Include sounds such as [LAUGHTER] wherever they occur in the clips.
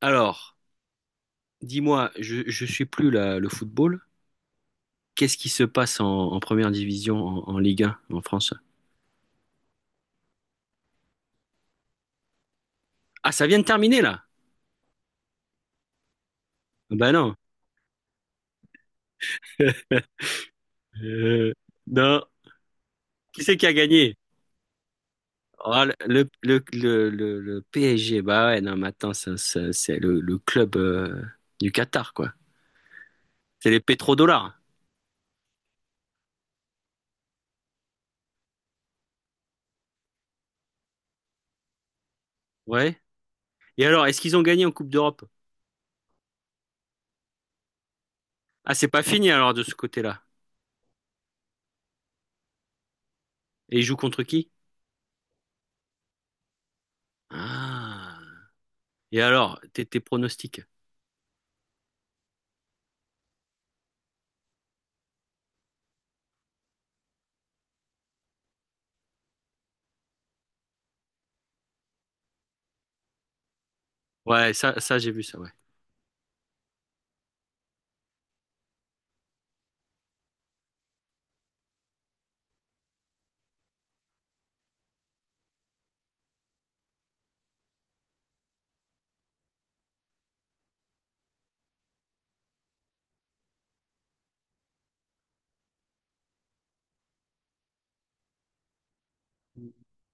Alors, dis-moi, je suis plus le football. Qu'est-ce qui se passe en première division, en Ligue 1, en France? Ah, ça vient de terminer là? Ah ben non. [LAUGHS] Euh, non. Qui c'est qui a gagné? Oh, le PSG. Bah ouais, non, mais attends, c'est le club du Qatar, quoi. C'est les pétrodollars. Ouais. Et alors, est-ce qu'ils ont gagné en Coupe d'Europe? Ah, c'est pas fini alors de ce côté-là. Et ils jouent contre qui? Ah. Et alors, tes pronostics? Ouais, ça j'ai vu ça, ouais.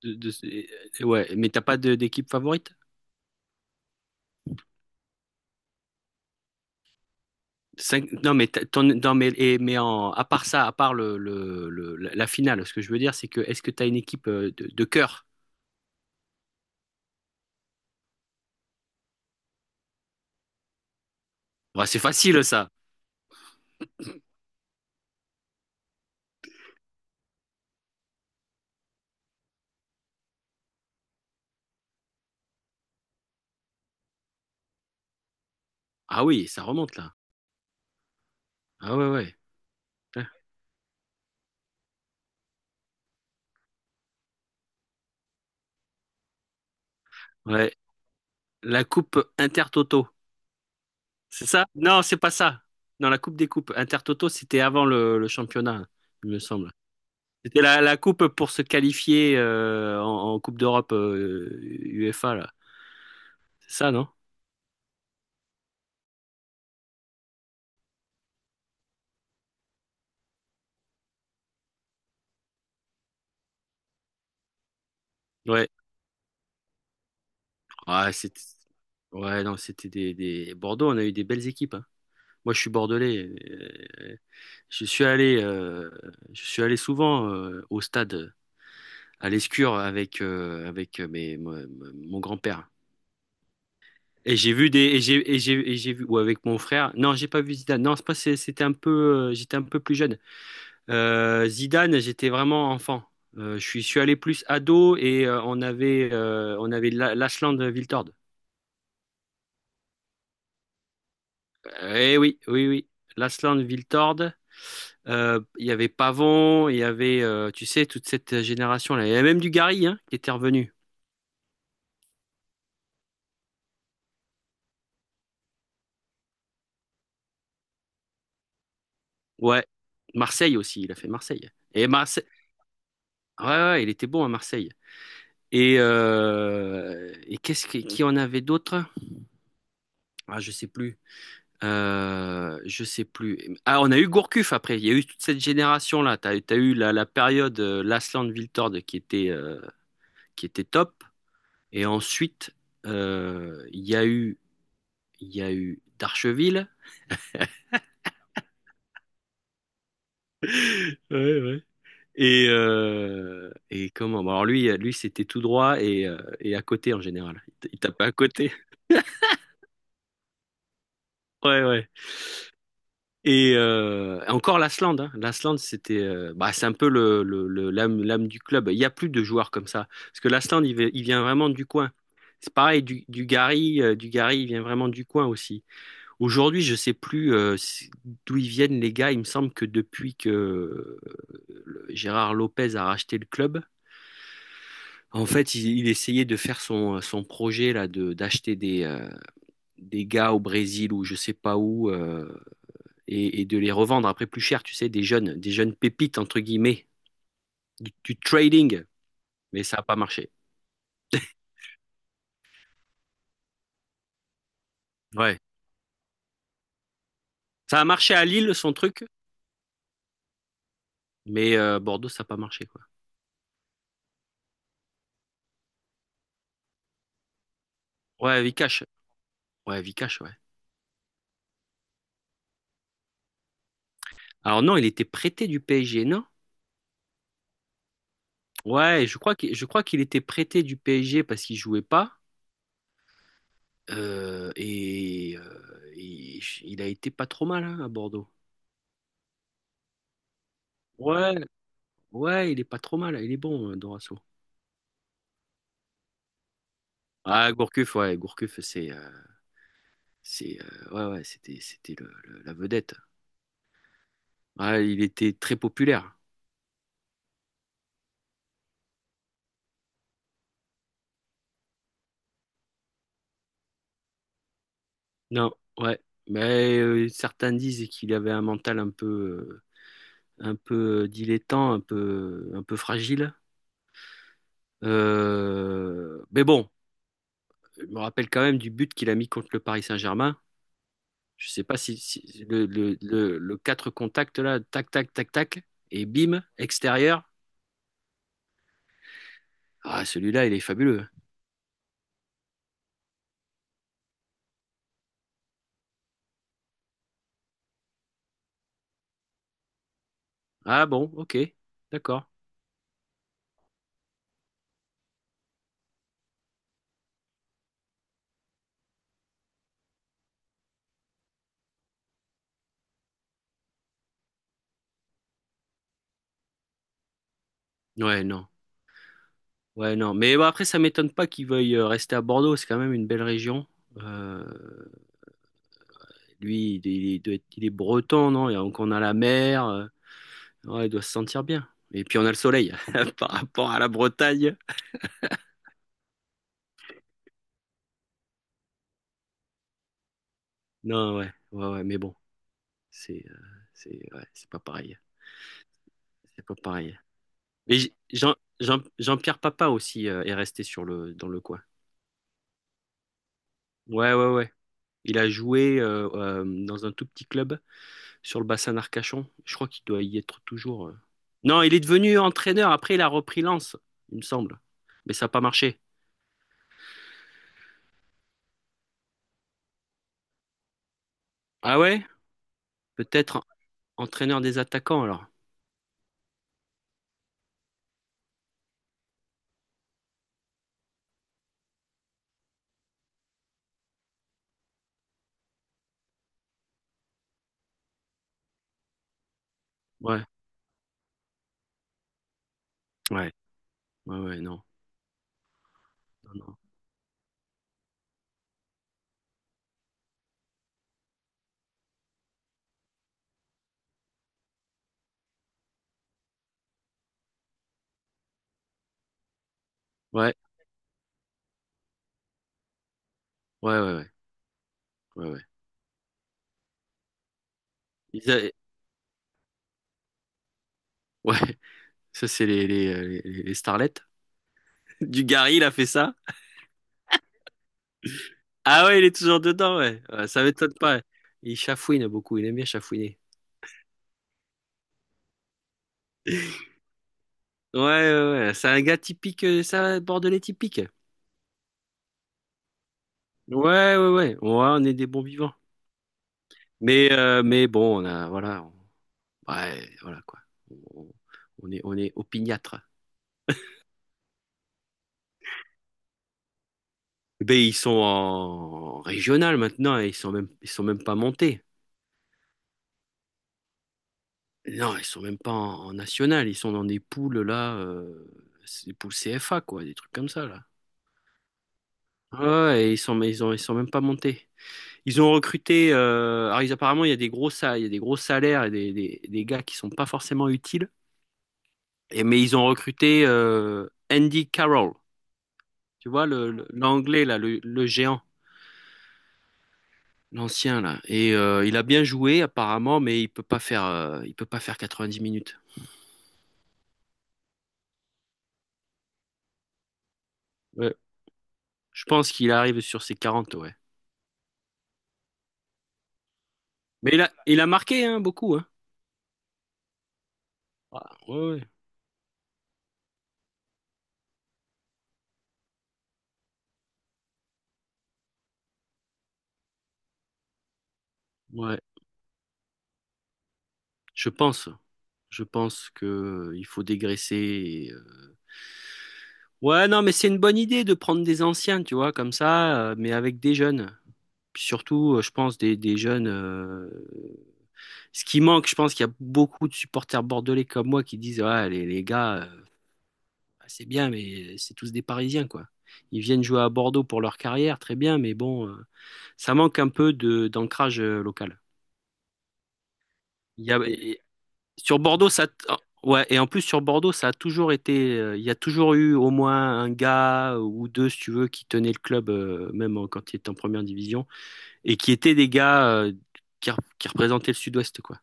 de- de- ouais, mais t'as pas d'équipe favorite? Non, mais non, mais, mais en, à part ça, à part la finale, ce que je veux dire, c'est que est-ce que t'as une équipe de cœur? Ouais, c'est facile ça. Ah oui, ça remonte là. Ah ouais, ouais. Putain. Ouais. La coupe Intertoto. C'est ça? Non, c'est pas ça. Non, la coupe des coupes. Intertoto, c'était avant le championnat, il me semble. C'était la coupe pour se qualifier en, en Coupe d'Europe UEFA, là. C'est ça, non? Ouais. Ouais, c'était… Ouais, non, c'était des… Bordeaux, on a eu des belles équipes, hein. Moi, je suis bordelais. euh, je suis allé, euh, je suis allé souvent au stade à l'Escure avec, avec mes, mon grand-père. Et j'ai vu des et j'ai vu ou avec mon frère. Non, j'ai pas vu Zidane. Non, c'est pas c'est- c'était un peu j'étais un peu plus jeune. Zidane, j'étais vraiment enfant. Je suis allé plus ado et on avait l'Ashland Wiltord. Eh oui, oui, oui. Lasland Viltord. Il y avait Pavon, il y avait, tu sais, toute cette génération-là. Il y avait même du Gary, hein, qui était revenu. Ouais. Marseille aussi, il a fait Marseille. Et Marseille. Ouais, ouais, ouais, il était bon à Marseille. Et qu'est-ce qui en avait d'autres? Ah, je sais plus. Je sais plus. Ah, on a eu Gourcuff après. Il y a eu toute cette génération-là. T'as eu la période Lasland Viltord qui était top. Et ensuite, euh, il y a eu, il y a eu Darcheville. [LAUGHS] Ouais, ouais. Et comment? Bon, alors lui, lui c'était tout droit et à côté en général. Il tapait à côté. [LAUGHS] Ouais, ouais. Et encore l'Aslande. Hein. L'Aslande, c'était, bah, c'est un peu l'âme, l'âme du club. Il n'y a plus de joueurs comme ça. Parce que l'Aslande, il vient vraiment du coin. C'est pareil, du Gary, il vient vraiment du coin aussi. Aujourd'hui, je sais plus d'où ils viennent les gars. Il me semble que depuis que Gérard Lopez a racheté le club, en fait, il essayait de faire son, son projet là de d'acheter des gars au Brésil ou je sais pas où, et de les revendre après plus cher, tu sais, des jeunes pépites entre guillemets, du trading. Mais ça n'a pas marché. Ouais. Ça a marché à Lille son truc, mais Bordeaux ça n'a pas marché, quoi. Ouais, Vikash. Ouais, Vikash. Ouais. Alors non, il était prêté du PSG, non? Ouais, je crois qu'il était prêté du PSG parce qu'il jouait pas. Il a été pas trop mal, hein, à Bordeaux. Ouais, ouais, il est pas trop mal, il est bon, Dorasso. Ah, Gourcuff, ouais, Gourcuff, ouais, ouais, c'était la vedette. Ouais, il était très populaire. Non, ouais, mais certains disent qu'il avait un mental un peu dilettant, un peu fragile. Mais bon, je me rappelle quand même du but qu'il a mis contre le Paris Saint-Germain. Je sais pas si, si le 4 contact là, tac, tac, tac, tac, et bim, extérieur. Ah, celui-là, il est fabuleux. Ah bon, ok, d'accord. Ouais, non. Ouais, non. Mais bon, après, ça m'étonne pas qu'il veuille rester à Bordeaux. C'est quand même une belle région. Euh, lui, il est breton, non? Et donc, on a la mer. Ouais, il doit se sentir bien. Et puis, on a le soleil [LAUGHS] par rapport à la Bretagne. Non, ouais, ouais, ouais, mais bon. C'est euh, c'est ouais, c'est pas pareil. C'est pas pareil. Mais J- Jean, Jean-Pierre Papin aussi est resté sur dans le coin. Ouais, ouais, ouais. Il a joué dans un tout petit club sur le bassin d'Arcachon. Je crois qu'il doit y être toujours, euh. Non, il est devenu entraîneur. Après, il a repris Lens, il me semble. Mais ça n'a pas marché. Ah ouais? Peut-être entraîneur des attaquants alors. Ouais, ouais, ouais, ouais, non. Non, non. Ouais, ouais, ouais, ouais, ouais, ouais. Ils a- ouais, [LAUGHS] ça c'est les starlets. Dugarry, il a fait ça? Ah ouais, il est toujours dedans, ouais. Ouais, ça m'étonne pas. Il chafouine beaucoup, il aime bien chafouiner. Ouais, ouais, ouais. C'est un gars typique, bordelais typique. Ouais, ouais, ouais. Ouais, on est des bons vivants. Mais bon, on a, voilà. on- Ouais, voilà, quoi. On, on est opiniâtre. Ben, ils sont en régional maintenant et ils sont même pas montés. Non, ils sont même pas en, en national. Ils sont dans des poules, là, c'est des poules CFA, quoi, des trucs comme ça, là. Ouais, ouais, et ils sont même pas montés. Ils ont recruté, alors, apparemment, il y a il y a des gros salaires et des gars qui sont pas forcément utiles. Et, mais ils ont recruté, Andy Carroll. Tu vois, l'anglais, là, le géant, l'ancien, là. Et il a bien joué, apparemment, mais il peut pas faire 90 minutes. Ouais. Je pense qu'il arrive sur ses 40, ouais. Mais il a marqué, hein, beaucoup, hein. Ouais, ouais, ouais. Ouais. Je pense. Je pense que il faut dégraisser. Ouais, non, mais c'est une bonne idée de prendre des anciens, tu vois, comme ça, mais avec des jeunes. Puis surtout, je pense, des jeunes. Ce qui manque, je pense qu'il y a beaucoup de supporters bordelais comme moi qui disent, ouais, les gars, bah, c'est bien, mais c'est tous des Parisiens, quoi. Ils viennent jouer à Bordeaux pour leur carrière, très bien, mais bon, ça manque un peu de d'ancrage local. Il y a, Sur Bordeaux, ça. Oh, ouais, et en plus sur Bordeaux, ça a toujours été, euh. Il y a toujours eu au moins un gars ou deux, si tu veux, qui tenaient le club, même quand il était en première division, et qui étaient des gars, qui, qui représentaient le Sud-Ouest, quoi.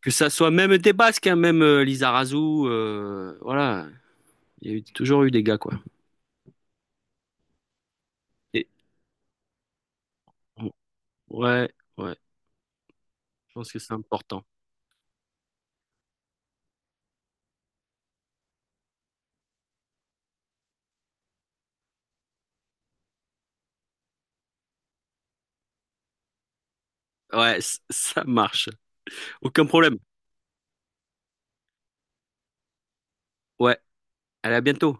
Que ça soit même des Basques, hein, même Lizarazu, voilà. Il y a eu- Toujours eu des gars, quoi. Et, ouais, ouais, je pense que c'est important. Ouais, ça marche. Aucun problème. Ouais, allez, à bientôt.